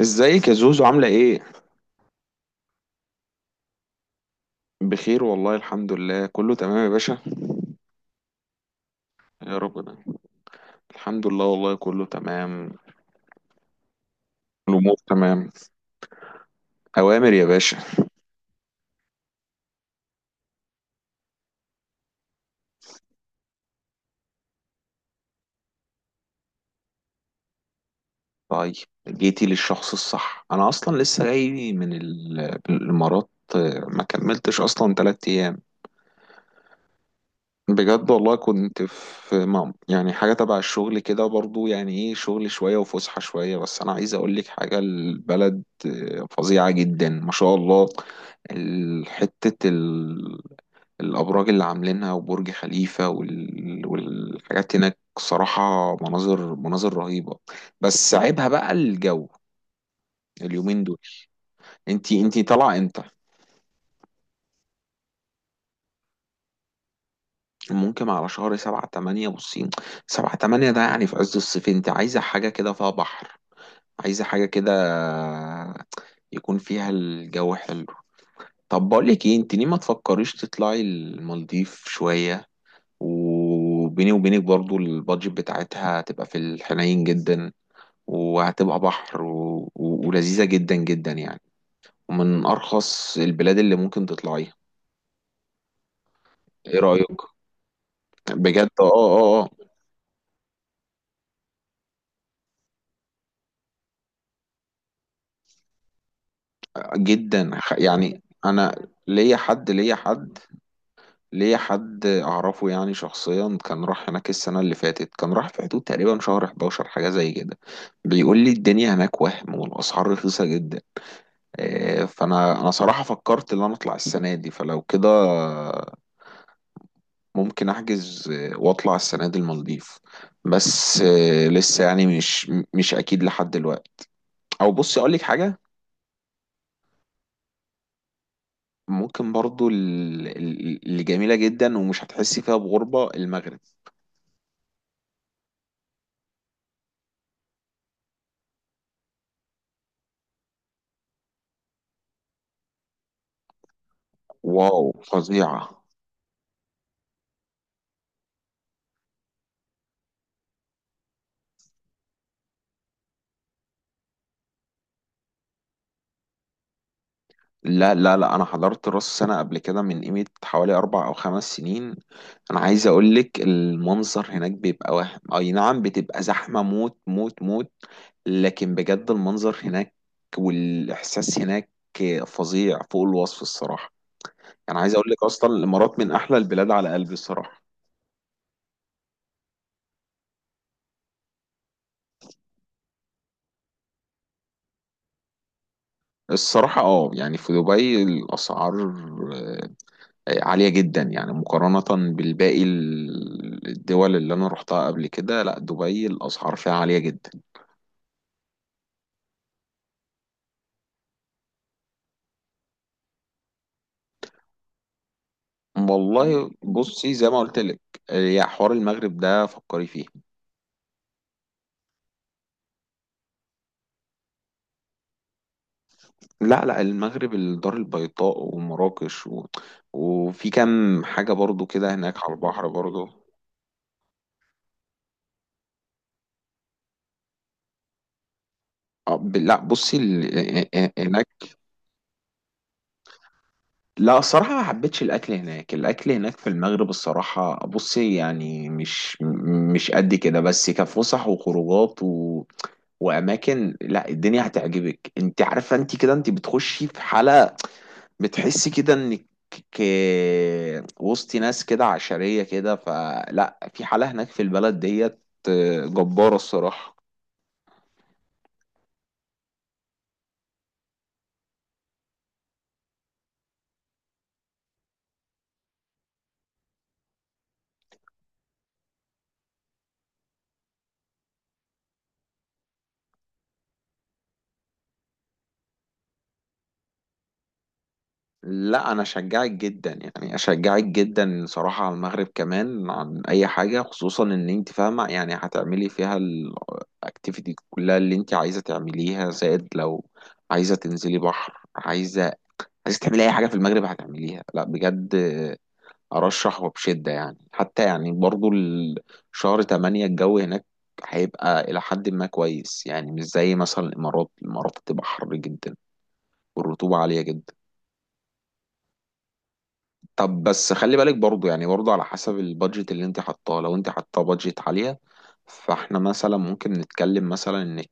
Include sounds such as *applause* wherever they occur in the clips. ازيك يا زوزو عاملة ايه؟ بخير والله، الحمد لله كله تمام يا باشا. يا رب. ده الحمد لله والله كله تمام. الأمور تمام. أوامر يا باشا. طيب، جيتي للشخص الصح. أنا أصلا لسه جاي من الإمارات. ما كملتش أصلا تلات أيام. بجد والله، كنت في مام، يعني حاجة تبع الشغل كده برضو، يعني ايه، شغل شوية وفسحة شوية. بس أنا عايز أقولك حاجة، البلد فظيعة جدا ما شاء الله. حتة الأبراج اللي عاملينها وبرج خليفة والحاجات هناك صراحة، مناظر مناظر رهيبة. بس عيبها بقى الجو اليومين دول. انتي طالعة امتى؟ ممكن على شهر سبعة تمانية. بصين، سبعة تمانية ده يعني في عز الصيف، انت عايزة حاجة كده فيها بحر، عايزة حاجة كده يكون فيها الجو حلو. طب بقولك ايه، انت ليه ما تفكريش تطلعي المالديف شوية؟ وبيني وبينك، برضو البادجت بتاعتها تبقى في الحنين جدا، وهتبقى بحر ولذيذة جدا جدا يعني، ومن أرخص البلاد اللي ممكن تطلعيها. إيه رأيك؟ بجد. آه آه آه آه. جدا. يعني أنا ليا حد أعرفه يعني، شخصيا كان راح هناك السنة اللي فاتت، كان راح في حدود تقريبا شهر 11، حاجة زي كده. بيقول لي الدنيا هناك وهم، والأسعار رخيصة جدا. فأنا صراحة فكرت إن أنا أطلع السنة دي، فلو كده ممكن احجز، واطلع السنه دي المالديف. بس لسه يعني مش اكيد لحد دلوقتي. او بصي، اقول لك حاجه، ممكن برضو، اللي جميله جدا ومش هتحسي فيها بغربه، المغرب. واو، فظيعه. لا لا لا، انا حضرت راس سنه قبل كده من قيمه حوالي 4 أو 5 سنين. انا عايز اقول لك المنظر هناك بيبقى وهم، اي نعم بتبقى زحمه موت موت موت، لكن بجد المنظر هناك والإحساس هناك فظيع فوق الوصف الصراحة. يعني عايز أقول لك أصلا، الإمارات من أحلى البلاد على قلبي الصراحة. الصراحة يعني في دبي الأسعار عالية جدا، يعني مقارنة بالباقي، الدول اللي أنا رحتها قبل كده، لا دبي الأسعار فيها عالية جدا. والله بصي، زي ما قلت لك، يا حوار المغرب ده فكري فيه. لا لا، المغرب، الدار البيضاء ومراكش وفي كام حاجة برضو كده هناك على البحر برضو. لا بصي ال... آه، آه، آه، هناك، لا الصراحة ما حبيتش الأكل هناك. الأكل هناك في المغرب الصراحة، بصي يعني، مش مش قد كده، بس كفسح وخروجات وأماكن، لا الدنيا هتعجبك. أنت عارفة أنت كده، أنت بتخشي في حالة، بتحسي كده انك وسط ناس كده عشرية كده. فلا، في حالة هناك في البلد ديت، جبارة الصراحة. لا انا اشجعك جدا، يعني اشجعك جدا صراحة على المغرب كمان عن اي حاجة، خصوصا ان انت فاهمة، يعني هتعملي فيها الاكتيفيتي كلها اللي انت عايزة تعمليها، زائد لو عايزة تنزلي بحر، عايزة تعملي اي حاجة في المغرب هتعمليها. لا بجد، أرشحه بشدة يعني، حتى يعني برضو، شهر تمانية الجو هناك هيبقى إلى حد ما كويس يعني، مش زي مثلا الإمارات. الإمارات هتبقى حر جدا والرطوبة عالية جدا. طب بس خلي بالك برضو، يعني برضو على حسب البادجت اللي انت حطاه، لو انت حطاه بادجت عالية، فاحنا مثلا ممكن نتكلم مثلا انك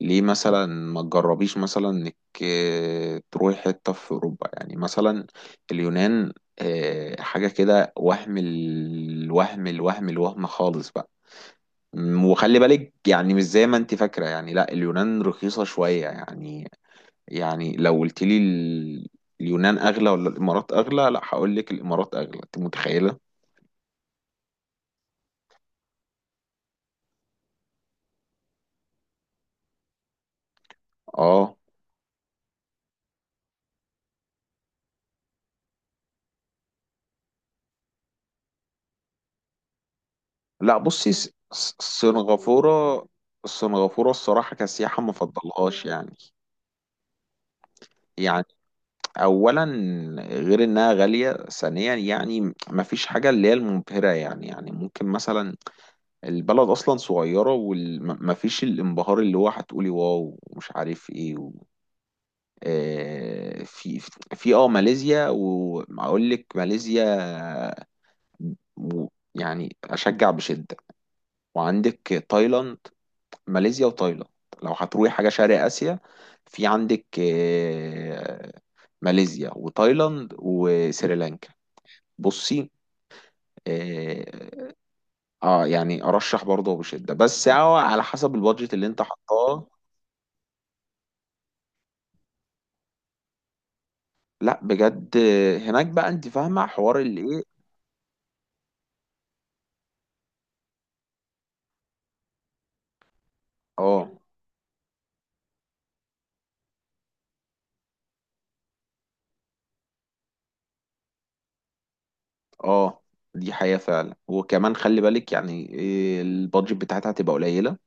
ليه مثلا ما تجربيش مثلا انك تروحي حتة في اوروبا، يعني مثلا اليونان، حاجة كده، وهم، الوهم الوهم الوهم خالص بقى. وخلي بالك يعني، مش زي ما انت فاكرة يعني، لا اليونان رخيصة شوية يعني. يعني لو قلت لي، اليونان اغلى ولا الامارات اغلى، لا هقول لك الامارات اغلى، انت متخيلة. اه، لا بصي، سنغافورة. سنغافورة الصراحة كسياحة ما فضلهاش يعني. يعني اولا غير انها غاليه، ثانيا يعني مفيش حاجه اللي هي المبهره يعني، يعني ممكن مثلا، البلد اصلا صغيره، ومفيش الانبهار اللي هو هتقولي واو ومش عارف ايه في ماليزيا، واقول لك ماليزيا و... يعني اشجع بشده، وعندك تايلاند، ماليزيا وتايلاند، لو هتروحي حاجه شرق اسيا، في عندك ماليزيا وتايلاند وسريلانكا. بصي، اه، يعني ارشح برضه بشده، بس هو على حسب البادجت اللي انت حطاه. لا بجد، هناك بقى انت فاهمه حوار اللي ايه. اه. اه، دي حقيقه فعلا، وكمان خلي بالك يعني إيه، البادجت بتاعتها هتبقى قليله.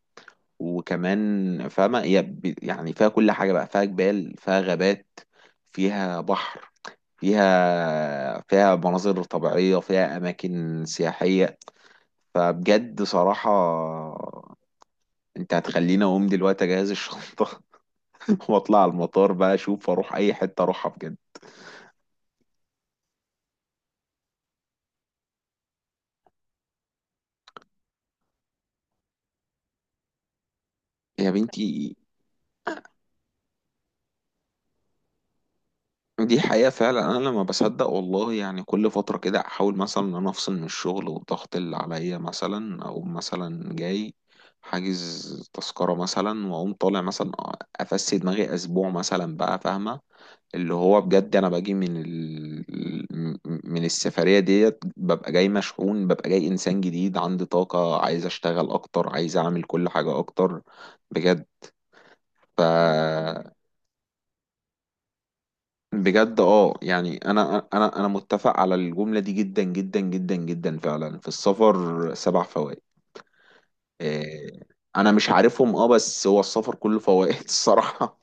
وكمان فاهمه هي، يعني فيها كل حاجه بقى، فيها جبال فيها غابات فيها بحر، فيها مناظر طبيعيه، فيها اماكن سياحيه. فبجد صراحه، انت هتخليني اقوم دلوقتي اجهز الشنطه *laughs* واطلع على المطار بقى، اشوف اروح اي حته اروحها بجد. يا بنتي، دي حقيقه فعلا. انا لما بصدق والله، يعني كل فتره كده احاول مثلا ان انا افصل من الشغل والضغط اللي عليا، مثلا او مثلا جاي حاجز تذكره مثلا، واقوم طالع مثلا، افسي دماغي اسبوع مثلا بقى فاهمه، اللي هو بجد انا باجي من السفرية ديت، ببقى جاي مشحون، ببقى جاي انسان جديد عندي طاقة، عايز اشتغل اكتر، عايز اعمل كل حاجة اكتر بجد. ف... بجد، يعني انا متفق على الجملة دي جدا جدا جدا جدا، فعلا في السفر 7 فوائد. إيه، انا مش عارفهم، بس هو السفر كله فوائد الصراحة.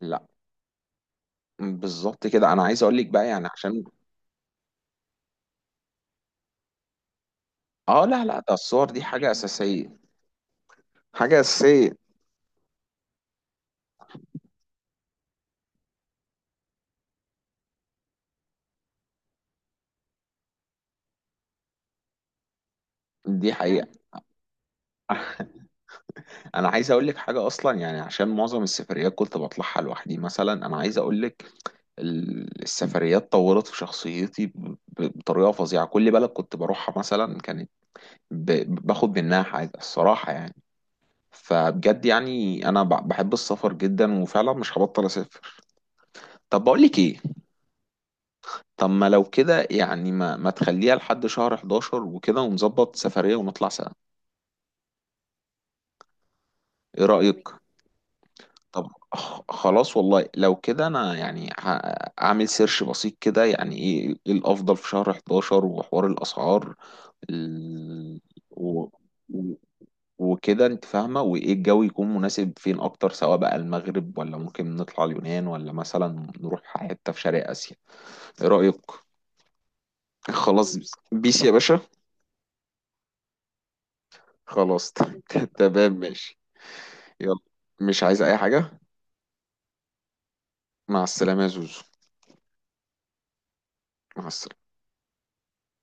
لا بالظبط كده، انا عايز اقول لك بقى يعني عشان. اه، لا لا، ده الصور دي حاجة اساسية. حاجة أساسية، دي حقيقة. *laughs* أنا عايز أقول لك حاجة أصلا، يعني عشان معظم السفريات كنت بطلعها لوحدي مثلا، أنا عايز أقول لك، السفريات طورت في شخصيتي، بطريقة فظيعة. كل بلد كنت بروحها مثلا، كانت باخد منها حاجة الصراحة يعني. فبجد يعني أنا بحب السفر جدا، وفعلا مش هبطل أسافر. طب بقول لك إيه، طب ما لو كده يعني، ما تخليها لحد شهر 11 وكده، ونظبط سفرية ونطلع سوا. إيه رأيك؟ طب، خلاص والله لو كده، انا يعني هعمل سيرش بسيط كده، يعني ايه الافضل في شهر 11 وحوار الاسعار، ال... و... و- وكده انت فاهمه، وايه الجو يكون مناسب فين اكتر، سواء بقى المغرب ولا ممكن نطلع اليونان ولا مثلا نروح حته في شرق اسيا. ايه رايك؟ *laughs* خلاص، بيس يا باشا. خلاص. *laughs* تمام ماشي. يلا، مش عايز اي حاجه. مع السلامه يا زوزو. مع السلامه.